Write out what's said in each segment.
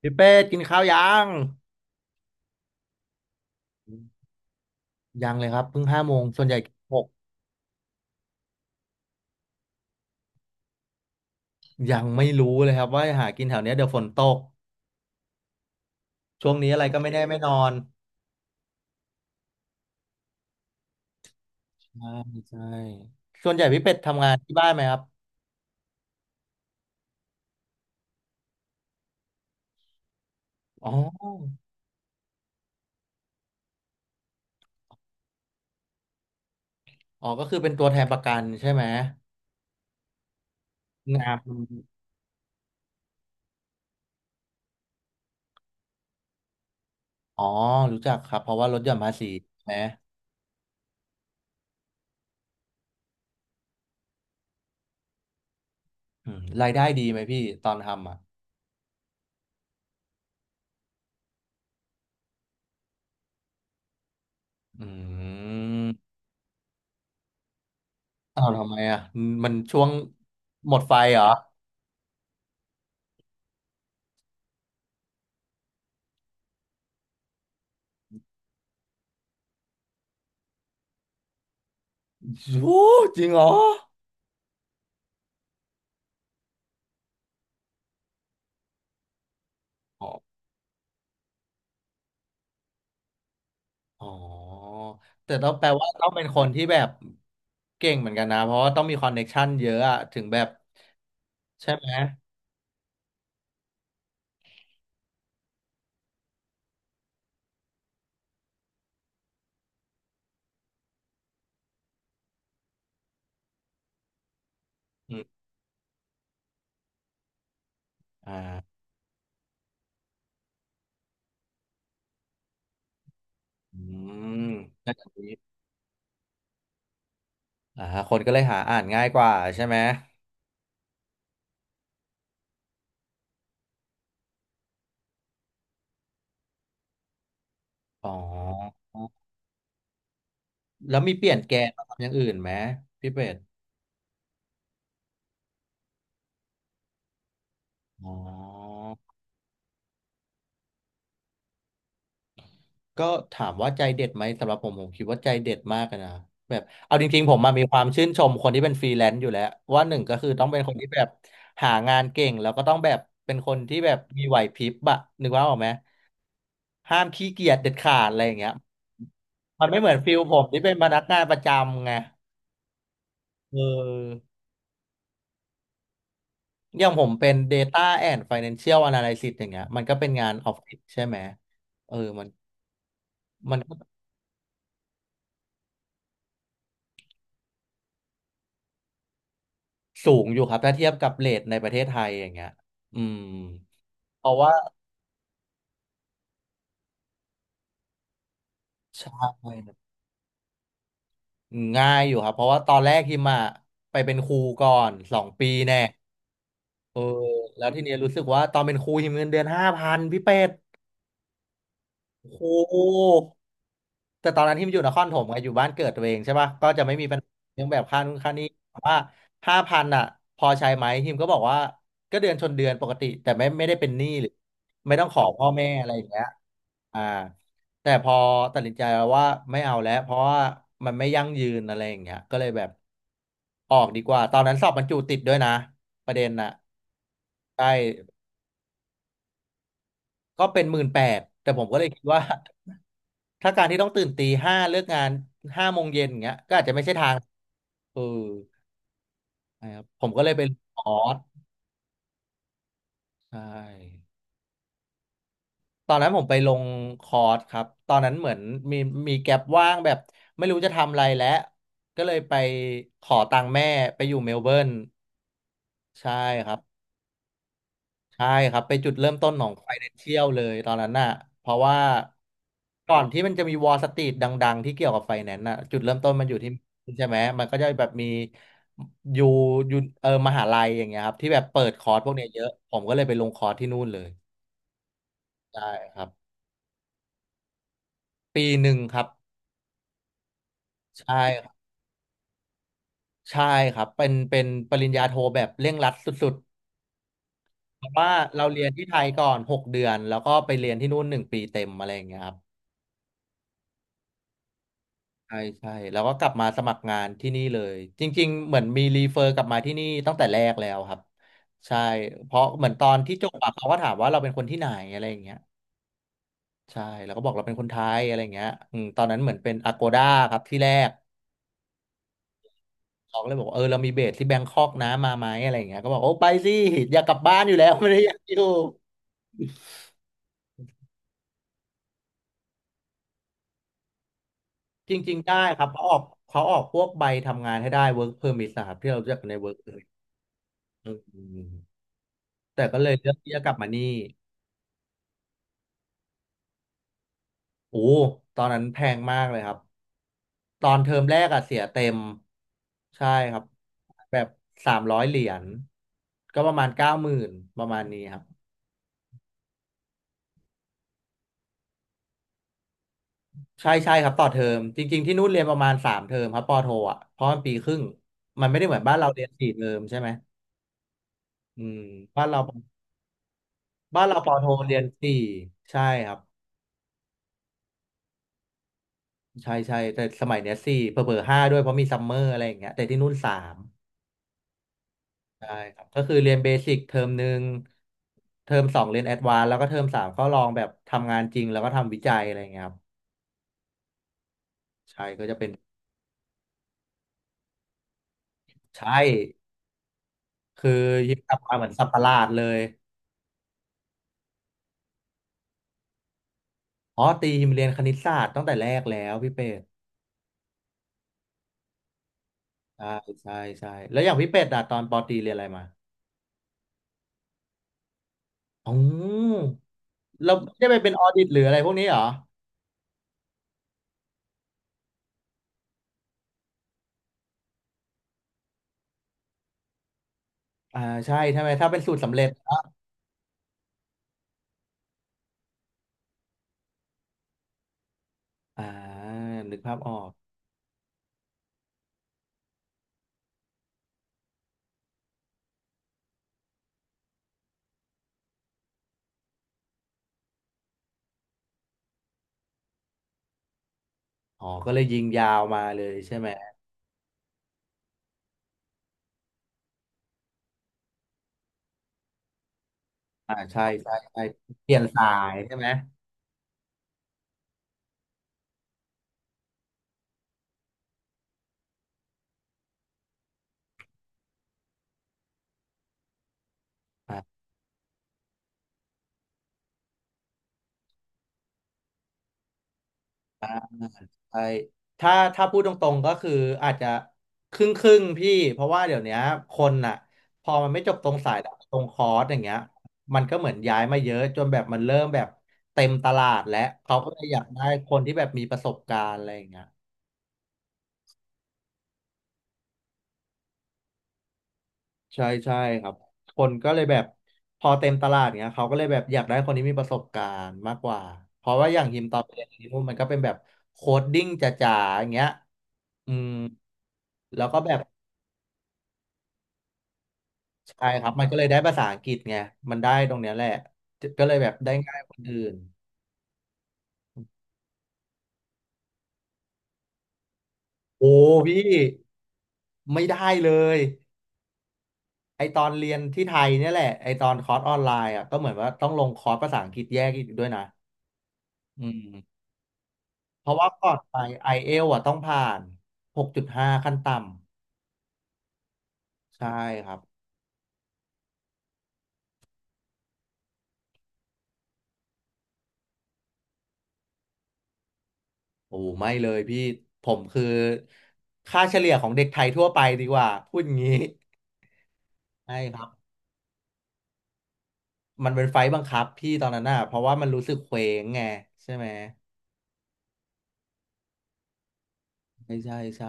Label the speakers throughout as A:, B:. A: พี่เป็ดกินข้าวยังยังเลยครับเพิ่งห้าโมงส่วนใหญ่หกยังไม่รู้เลยครับว่าหากินแถวเนี้ยเดี๋ยวฝนตกช่วงนี้อะไรก็ไม่แน่ไม่นอนใช่ใช่ส่วนใหญ่พี่เป็ดทำงานที่บ้านไหมครับอ๋ออ๋อก็คือเป็นตัวแทนประกันใช่ไหมงานอ๋อรู้จักครับเพราะว่าลดหย่อนภาษีใช่ไหมรายได้ดีไหมพี่ตอนทำอ่ะอืมอ้าวทำไมอ่ะมันช่วงหมดไฟเหรอโอ้จริงเหรออ๋อ อ๋อ แต่ต้องแปลว่าต้องเป็นคนที่แบบเก่งเหมือนกันนะ เพราะว่าต้องมีคอนเน็กชันเยอะอะถึงแบบใช่ไหมอืมอ่าอืมแล้วแบบนี้อ่าคนก็เลยหาอ่านง่ายกว่าใช่ไหม อ๋อ แล้วมีเปลี่ยนแกนมาทำอย่างอื่นไหมพี่เป็ดอ๋อ ก็ถามว่าใจเด็ดไหมสำหรับผมผมคิดว่าใจเด็ดมากอะนะแบบเอาจริงๆผมมามีความชื่นชมคนที่เป็นฟรีแลนซ์อยู่แล้วว่าหนึ่งก็คือต้องเป็นคนที่แบบหางานเก่งแล้วก็ต้องแบบเป็นคนที่แบบมีไหวพริบอะนึกว่าออกไหมห้ามขี้เกียจเด็ดขาดอะไรอย่างเงี้ยมันไม่เหมือนฟิลผมที่เป็นพนักงานประจำไงเอออย่างผมเป็น Data and Financial Analysis อย่างเงี้ยมันก็เป็นงานออฟฟิศใช่ไหมเออมันก็สูงอยู่ครับถ้าเทียบกับเรทในประเทศไทยอย่างเงี้ยอืม เพราะว่าใช่ง่ายอยู่ครับเพราะว่าตอนแรกฮิมอะไปเป็นครูก่อน2 ปีแน่เออแล้วทีเนี้ยรู้สึกว่าตอนเป็นครูฮิมเงินเดือนห้าพันพี่เป็ดโอ้โห แต่ตอนนั้นที่มันอยู่นครปฐมไงอยู่บ้านเกิดตัวเองใช่ปะก็จะไม่มีปัญหาเรื่องแบบค่านู่นค่านี่แต่ว่าห้าพันอ่ะพอใช้ไหมทีมก็บอกว่าก็เดือนชนเดือนปกติแต่ไม่ได้เป็นหนี้หรือไม่ต้องขอพ่อแม่อะไรอย่างเงี้ยอ่าแต่พอตัดสินใจวว่าไม่เอาแล้วเพราะว่ามันไม่ยั่งยืนอะไรอย่างเงี้ยก็เลยแบบออกดีกว่าตอนนั้นสอบบรรจุติดด้วยนะประเด็นน่ะใช่ ก็เป็น18,000แต่ผมก็เลยคิดว่าถ้าการที่ต้องตื่นตีห้าเลิกงานห้าโมงเย็นอย่างเงี้ยก็อาจจะไม่ใช่ทางเออนะครับผมก็เลยไปลงคอร์สใช่ตอนนั้นผมไปลงคอร์สครับตอนนั้นเหมือนมีมีแก็ปว่างแบบไม่รู้จะทำอะไรแล้วก็เลยไปขอตังค์แม่ไปอยู่เมลเบิร์นใช่ครับ ใช่ครับไปจุดเริ่มต้นของ Financial เลยตอนนั้นน่ะเพราะว่าก่อนที่มันจะมีวอล s ต r ี e ดังๆที่เกี่ยวกับไฟแนนซ์น่ะจุดเริ่มต้นมันอยู่ที่ใช่ไหมมันก็จะแบบมีอยู่อยู่มหาลัยอย่างเงี้ยครับที่แบบเปิดคอร์สพวกเนี้ยเยอะผมก็เลยไปลงคอร์สที่นู่นเลยใช่ครับ1 ปีครับใช่ครับใช่ครับเป็นปริญญาโทแบบเร่งรัดสุดๆเพราะว่าเราเรียนที่ไทยก่อน6 เดือนแล้วก็ไปเรียนที่นู่น1 ปีเต็มอะไรอย่างเงี้ยครับ ใช่ใช่แล้วก็กลับมาสมัครงานที่นี่เลยจริงๆเหมือนมีรีเฟอร์กลับมาที่นี่ตั้งแต่แรกแล้วครับใช่เพราะเหมือนตอนที่จบอะเขาก็ถามว่าเราเป็นคนที่ไหนอะไรอย่างเงี้ยใช่แล้วก็บอกเราเป็นคนไทยอะไรอย่างเงี้ยตอนนั้นเหมือนเป็นอ g โกด้าครับที่แรกเขาก็เลยบอกว่าเออเรามีเบสที่แบงคอกนะมาไหมอะไรอย่างเงี้ยก็บอกโอ้ไปสิอยากกลับบ้านอยู่แล้วไม่ได้อยากอยู่จริงๆได้ครับเขาออกพวกใบทำงานให้ได้ work permit นะครับที่เราเรียกกันใน work permit อืมแต่ก็เลยเลือกที่จะกลับมานี่ โอ้ ตอนนั้นแพงมากเลยครับ ตอนเทอมแรกอะเสียเต็มใช่ครับแบบ300 เหรียญก็ประมาณ90,000ประมาณนี้ครับ ใช่ใช่ครับต่อเทอม จริงๆที่นู่นเรียนประมาณ3 เทอมครับปอโทอ่ะ เพราะมันปีครึ่งมันไม่ได้เหมือนบ้านเราเรียน4 เทอมใช่ไหมอืมบ้านเราบ้านเราปอโทเรียนสี่ใช่ครับใช่ใช่แต่สมัยเนี้ยสี่เผลอๆห้าด้วยเพราะมีซัมเมอร์อะไรอย่างเงี้ยแต่ที่นู่นสาม ใช่ครับก็คือเรียนเบสิกเทอมหนึ่งเทอมสองเรียนแอดวานซ์แล้วก็เทอมสามก็ลองแบบทำงานจริงแล้วก็ทำวิจัยอะไรเงี้ยครับใช่ก็จะเป็นใช่คือยิมกลับมาเหมือนสัตว์ประหลาดเลยอ๋อตียิมเรียนคณิตศาสตร์ตั้งแต่แรกแล้วพี่เป็ดใช่ใช่ใช่แล้วอย่างพี่เป็ดอะตอนปอตรีเรียนอะไรมาอ๋อเราไม่ได้ไปเป็นออดิตหรืออะไรพวกนี้เหรออ่าใช่ใช่ไหมถ้าเป็นสูตรสำเร็จอ่านึกภาพออกอ๋อก็เลยยิงยาวมาเลยใช่ไหม อ่าใช่ใช่ใช่เปลี่ยนสายใช่ไหมอ่าใช่ถ้าพูดตรงๆก็คืออาจจะครึ่งครึ่งพี่เพราะว่าเดี๋ยวเนี้ยคนอ่ะพอมันไม่จบตรงสายแต่ตรงคอร์สอย่างเงี้ยมันก็เหมือนย้ายมาเยอะจนแบบมันเริ่มแบบเต็มตลาดและเขาก็เลยอยากได้คนที่แบบมีประสบการณ์อะไรอย่างเงี้ย ใช่ใช่ครับคนก็เลยแบบพอเต็มตลาดเนี้ยเขาก็เลยแบบอยากได้คนที่มีประสบการณ์มากกว่าเพราะว่าอย่างฮิมตอนไปเรียนที่นู่นมันก็เป็นแบบโคดดิ้งจ๋าๆอย่างเงี้ยอืมแล้วก็แบบใช่ครับมันก็เลยได้ภาษาอังกฤษไงมันได้ตรงเนี้ยแหละก็เลยแบบได้ง่ายกว่าคนอื่นโอ้พี่ไม่ได้เลยไอตอนเรียนที่ไทยเนี่ยแหละไอตอนคอร์สออนไลน์อ่ะก็เหมือนว่าต้องลงคอร์สภาษาอังกฤษแยกอีกด้วยนะอืม เพราะว่าก่อนไปไอเอลอ่ะต้องผ่าน 6.5 ขั้นต่ำ ใช่ครับโอ้ไม่เลยพี่ผมคือค่าเฉลี่ยของเด็กไทยทั่วไปดีกว่าพูดงี้ ใช่ครับ มันเป็นไฟล์บังคับพี่ตอนนั้นน่ะเพราะว่ามันรู้สึกเคว้งไงใช่ไหม ใช่ใช่ใช่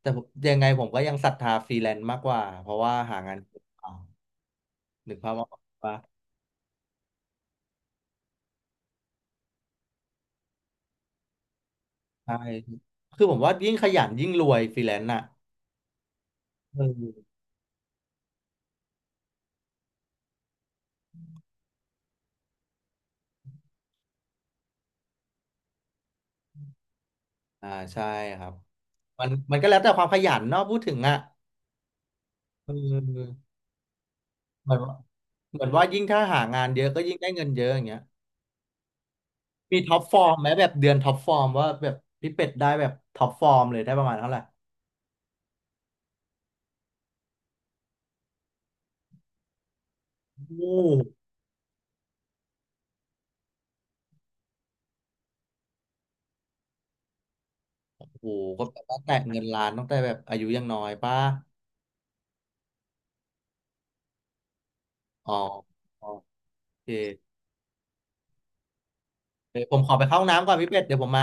A: แต่ผมยังไงผมก็ยังศรัทธาฟรีแลนซ์มากกว่าเพราะว่าหางานเอานึกภาพออกปะใช่ คือผมว่ายิ่งขยันยิ่งรวยฟรีแลนซ์น่ะเอออ่าใช่ครับ มันก็แล้วแต่ความขยันเนาะพูดถึงอ่ะเออเหมือนว่าเหมือนว่ายิ่งถ้าหางานเยอะก็ยิ่งได้เงินเยอะอย่างเงี้ยมีท็อปฟอร์มไหมแบบเดือนท็อปฟอร์มว่าแบบพี่เป็ดได้แบบท็อปฟอร์มเลยได้ประมาณเท่าไหร่โอ้โหก็แปลว่าแตะเงินล้านตั้งแต่แบบอายุยังน้อยป้าอ๋อโอเคเดี๋ยวผมขอไปเข้าห้องน้ำก่อนพี่เป็ดเดี๋ยวผมมา